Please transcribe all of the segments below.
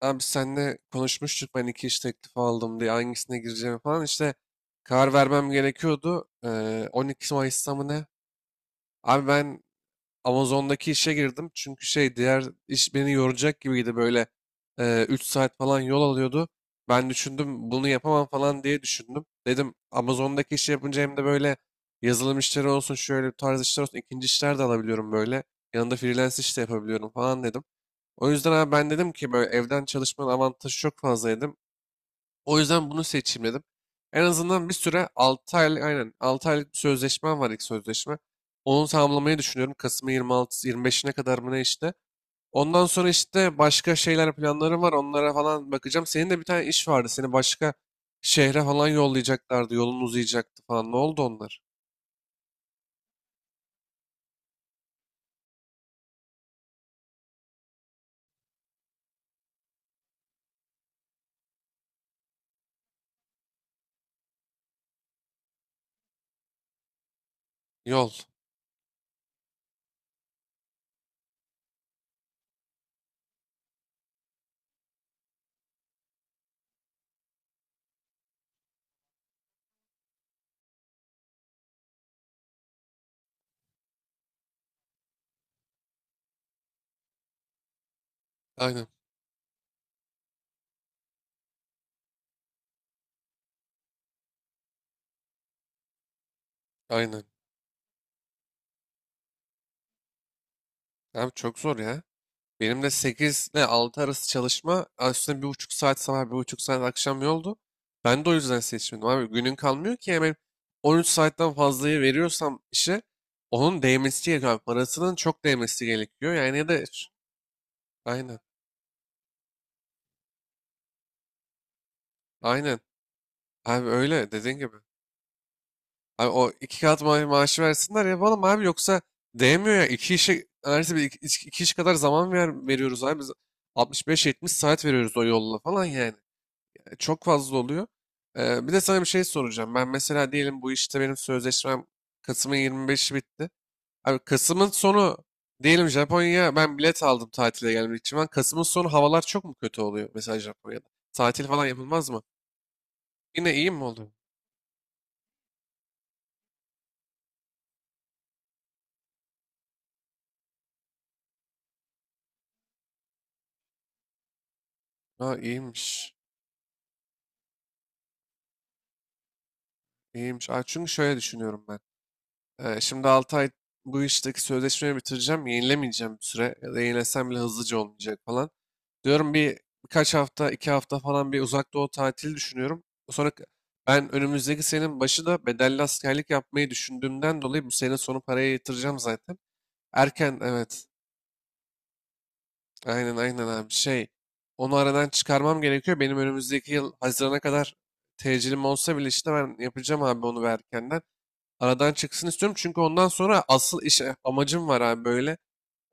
Abi senle konuşmuştuk ben iki iş teklifi aldım diye hangisine gireceğimi falan işte karar vermem gerekiyordu. 12 Mayıs'ta mı ne? Abi ben Amazon'daki işe girdim çünkü şey diğer iş beni yoracak gibiydi böyle 3 saat falan yol alıyordu. Ben düşündüm bunu yapamam falan diye düşündüm. Dedim Amazon'daki işi yapınca hem de böyle yazılım işleri olsun şöyle bir tarz işler olsun ikinci işler de alabiliyorum böyle. Yanında freelance iş de yapabiliyorum falan dedim. O yüzden abi ben dedim ki böyle evden çalışmanın avantajı çok fazla dedim. O yüzden bunu seçeyim dedim. En azından bir süre 6 aylık, aynen, 6 aylık bir sözleşmem var ilk sözleşme. Onu tamamlamayı düşünüyorum. Kasım'ın 26-25'ine kadar mı ne işte. Ondan sonra işte başka şeyler planlarım var. Onlara falan bakacağım. Senin de bir tane iş vardı. Seni başka şehre falan yollayacaklardı. Yolun uzayacaktı falan. Ne oldu onlar? Yol. Aynen. Aynen. Abi çok zor ya. Benim de 8 ile 6 arası çalışma üstüne 1,5 saat sabah bir buçuk saat akşam yoldu. Ben de o yüzden seçmedim abi. Günün kalmıyor ki hemen 13 saatten fazlayı veriyorsam işe onun değmesi gerekiyor abi. Parasının çok değmesi gerekiyor. Yani ya da aynen, aynen abi öyle dediğin gibi. Abi o iki kat maaşı versinler yapalım abi yoksa değmiyor ya. İki işe neredeyse iki iş kadar zaman veriyoruz abi. Biz 65-70 saat veriyoruz o yolla falan yani. Çok fazla oluyor. Bir de sana bir şey soracağım. Ben mesela diyelim bu işte benim sözleşmem Kasım'ın 25'i bitti. Abi Kasım'ın sonu diyelim Japonya'ya ben bilet aldım tatile gelmek için. Ben Kasım'ın sonu havalar çok mu kötü oluyor mesela Japonya'da? Tatil falan yapılmaz mı? Yine iyi mi oluyor? Ha, iyiymiş. İyiymiş. Aa, çünkü şöyle düşünüyorum ben. Şimdi 6 ay bu işteki sözleşmeyi bitireceğim. Yenilemeyeceğim bir süre. Ya da yenilesem bile hızlıca olmayacak falan. Diyorum birkaç hafta, 2 hafta falan bir uzak doğu tatili düşünüyorum. Sonra ben önümüzdeki senenin başı da bedelli askerlik yapmayı düşündüğümden dolayı bu sene sonu paraya yatıracağım zaten. Erken evet. Aynen, aynen abi şey. Onu aradan çıkarmam gerekiyor. Benim önümüzdeki yıl Haziran'a kadar tecilim olsa bile işte ben yapacağım abi onu ve erkenden. Aradan çıksın istiyorum çünkü ondan sonra asıl iş amacım var abi böyle.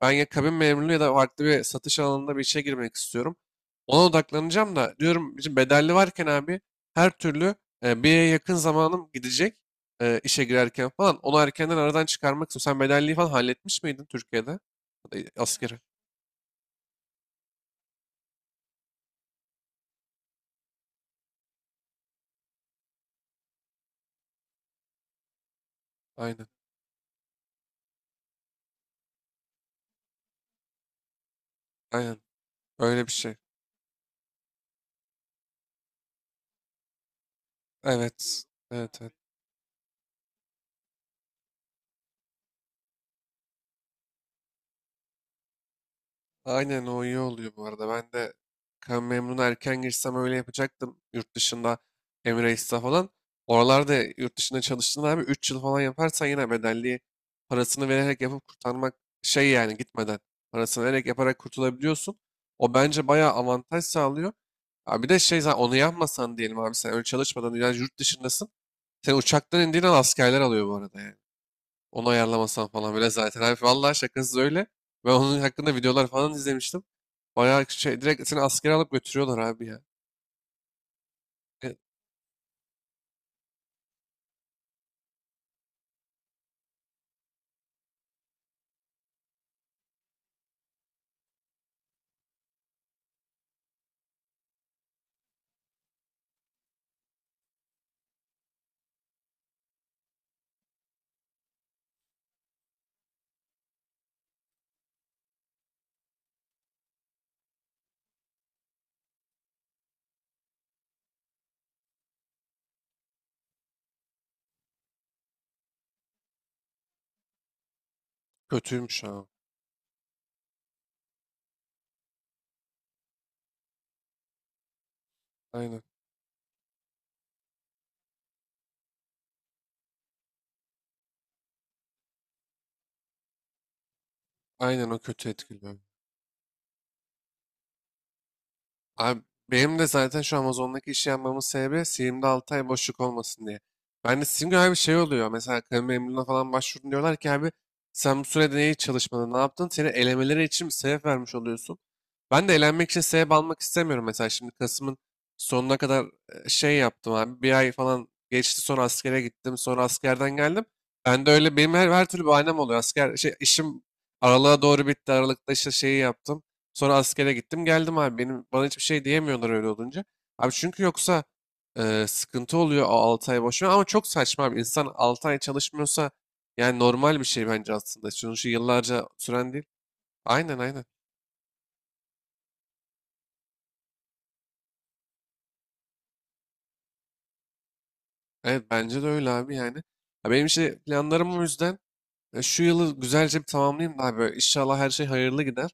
Ben ya kabin memurluğu ya da farklı bir satış alanında bir işe girmek istiyorum. Ona odaklanacağım da diyorum bizim bedelli varken abi her türlü bir yere yakın zamanım gidecek işe girerken falan. Onu erkenden aradan çıkarmak istiyorum. Sen bedelliği falan halletmiş miydin Türkiye'de? Ya da askeri. Aynen. Aynen. Öyle bir şey. Evet. Evet. Evet. Aynen, o iyi oluyor bu arada. Ben de kan memnuna erken girsem öyle yapacaktım. Yurt dışında Emirates'te falan. Oralarda yurt dışında çalıştığında abi 3 yıl falan yaparsan yine bedelli parasını vererek yapıp kurtarmak şey yani gitmeden parasını vererek yaparak kurtulabiliyorsun. O bence bayağı avantaj sağlıyor. Abi bir de şey zaten onu yapmasan diyelim abi sen öyle çalışmadan yani yurt dışındasın. Sen uçaktan indiğin an askerler alıyor bu arada yani. Onu ayarlamasam falan böyle zaten. Abi vallahi şakasız öyle. Ben onun hakkında videolar falan izlemiştim. Bayağı şey direkt seni askere alıp götürüyorlar abi ya. E, Kötüymüş ha. Aynen. Aynen, o kötü etkiliyor. Abi benim de zaten şu Amazon'daki işi yapmamın sebebi Steam'de 6 ay boşluk olmasın diye. Ben de Steam gibi bir şey oluyor. Mesela kamu memurluğuna falan başvurdun diyorlar ki abi sen bu sürede neyi çalışmadın, ne yaptın? Seni elemeleri için bir sebep vermiş oluyorsun. Ben de elenmek için sebep almak istemiyorum. Mesela şimdi Kasım'ın sonuna kadar şey yaptım abi. Bir ay falan geçti sonra askere gittim. Sonra askerden geldim. Ben de öyle benim her türlü bahanem oluyor. Asker şey, işim aralığa doğru bitti. Aralıkta işte şeyi yaptım. Sonra askere gittim geldim abi. Benim bana hiçbir şey diyemiyorlar öyle olunca. Abi çünkü yoksa sıkıntı oluyor o 6 ay boşuna ama çok saçma abi. İnsan 6 ay çalışmıyorsa yani normal bir şey bence aslında. Sonuçta yıllarca süren değil. Aynen, aynen. Evet, bence de öyle abi yani. Ya benim işte planlarım o yüzden şu yılı güzelce bir tamamlayayım da abi. Böyle İnşallah her şey hayırlı gider.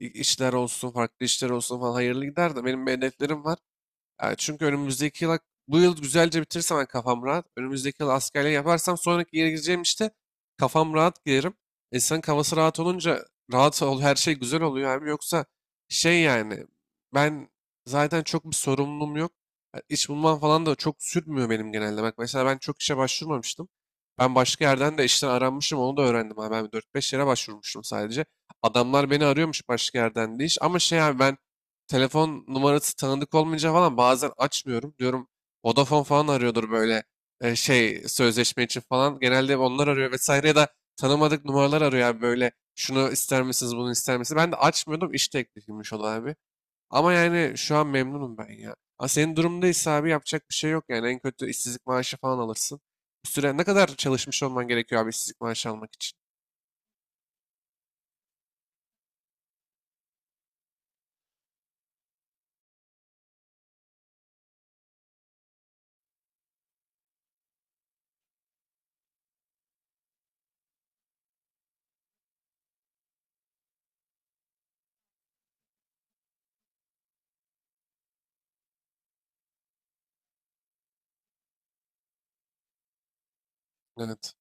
İşler olsun, farklı işler olsun falan hayırlı gider de benim bir hedeflerim var. Çünkü önümüzdeki yıl, bu yıl güzelce bitirsem ben kafam rahat. Önümüzdeki yıl askerliği yaparsam sonraki yere gireceğim işte kafam rahat girerim. İnsanın kafası rahat olunca her şey güzel oluyor abi. Yoksa şey yani ben zaten çok bir sorumluluğum yok. Yani İş bulmam falan da çok sürmüyor benim genelde. Bak mesela ben çok işe başvurmamıştım. Ben başka yerden de işten aranmışım onu da öğrendim abi. Ben dört beş yere başvurmuştum sadece. Adamlar beni arıyormuş başka yerden de iş. Ama şey abi ben telefon numarası tanıdık olmayınca falan bazen açmıyorum. Diyorum Vodafone falan arıyordur böyle şey sözleşme için falan. Genelde onlar arıyor vesaire ya da tanımadık numaralar arıyor abi böyle şunu ister misiniz bunu ister misiniz? Ben de açmıyordum iş teklifiymiş o da abi. Ama yani şu an memnunum ben ya. Ha, senin durumdaysa abi yapacak bir şey yok yani en kötü işsizlik maaşı falan alırsın. Bir süre ne kadar çalışmış olman gerekiyor abi işsizlik maaşı almak için? Evet.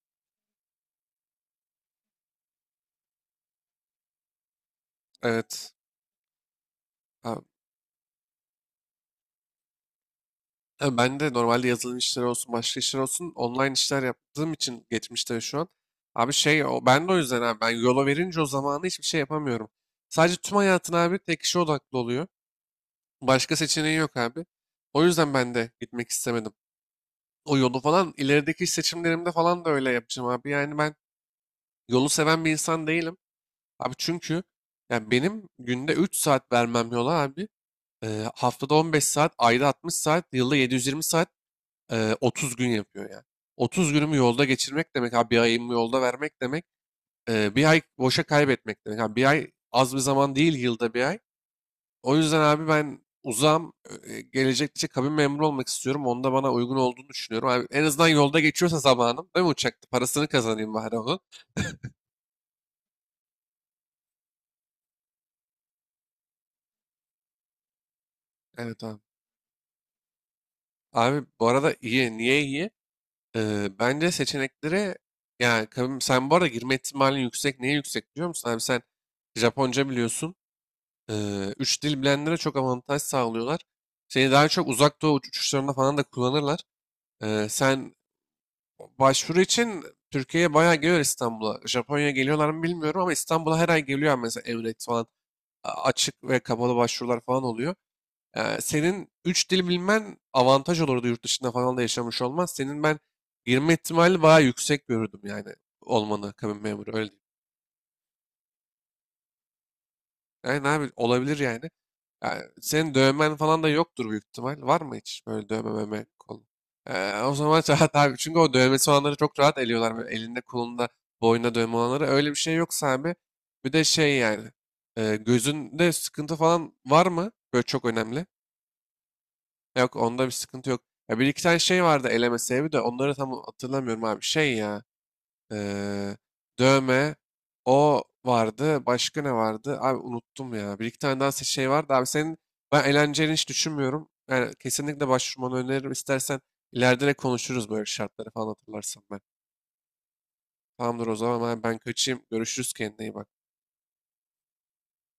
Evet. Abi. Tabii ben de normalde yazılım işleri olsun, başka işler olsun online işler yaptığım için geçmişte ve şu an. Abi şey o ben de o yüzden abi ben yola verince o zamanı hiçbir şey yapamıyorum. Sadece tüm hayatın abi tek işe odaklı oluyor. Başka seçeneği yok abi. O yüzden ben de gitmek istemedim. O yolu falan ilerideki iş seçimlerimde falan da öyle yapacağım abi. Yani ben yolu seven bir insan değilim. Abi çünkü yani benim günde 3 saat vermem yola abi. Haftada 15 saat, ayda 60 saat, yılda 720 saat. 30 gün yapıyor yani. 30 günümü yolda geçirmek demek abi, bir ayımı yolda vermek demek. Bir ay boşa kaybetmek demek. Abi bir ay az bir zaman değil yılda bir ay. O yüzden abi ben uzam gelecekte kabin memuru olmak istiyorum. Onda bana uygun olduğunu düşünüyorum. Abi en azından yolda geçiyorsa zamanım değil mi uçakta? Parasını kazanayım bari onun. Evet abi. Abi bu arada iyi. Niye iyi? Bence seçenekleri yani kabin, sen bu arada girme ihtimalin yüksek. Niye yüksek biliyor musun? Abi sen Japonca biliyorsun. Üç dil bilenlere çok avantaj sağlıyorlar. Seni daha çok uzak doğu uçuşlarında falan da kullanırlar. Sen başvuru için Türkiye'ye bayağı geliyor İstanbul'a. Japonya'ya geliyorlar mı bilmiyorum ama İstanbul'a her ay geliyor mesela Emirates falan. Açık ve kapalı başvurular falan oluyor. Senin üç dil bilmen avantaj olurdu, yurt dışında falan da yaşamış olmaz. Senin ben girme ihtimali bayağı yüksek görürdüm yani olmanı kabin memuru, öyle diyeyim. Yani abi olabilir yani. Yani senin dövmen falan da yoktur büyük ihtimal. Var mı hiç böyle dövme meme kolu? O zaman rahat abi. Çünkü o dövmesi olanları çok rahat eliyorlar. Böyle elinde kolunda boynunda dövme olanları. Öyle bir şey yoksa abi. Bir de şey yani. Gözünde sıkıntı falan var mı? Böyle çok önemli. Yok, onda bir sıkıntı yok. Ya bir iki tane şey vardı eleme sebebi de onları tam hatırlamıyorum abi. Şey ya. Ee, Dövme. O vardı. Başka ne vardı? Abi unuttum ya. Bir iki tane daha şey vardı. Abi senin ben eğlenceli hiç düşünmüyorum. Yani kesinlikle başvurmanı öneririm. İstersen ileride de konuşuruz böyle şartları falan hatırlarsan ben. Tamamdır o zaman ben kaçayım. Görüşürüz, kendine iyi bak.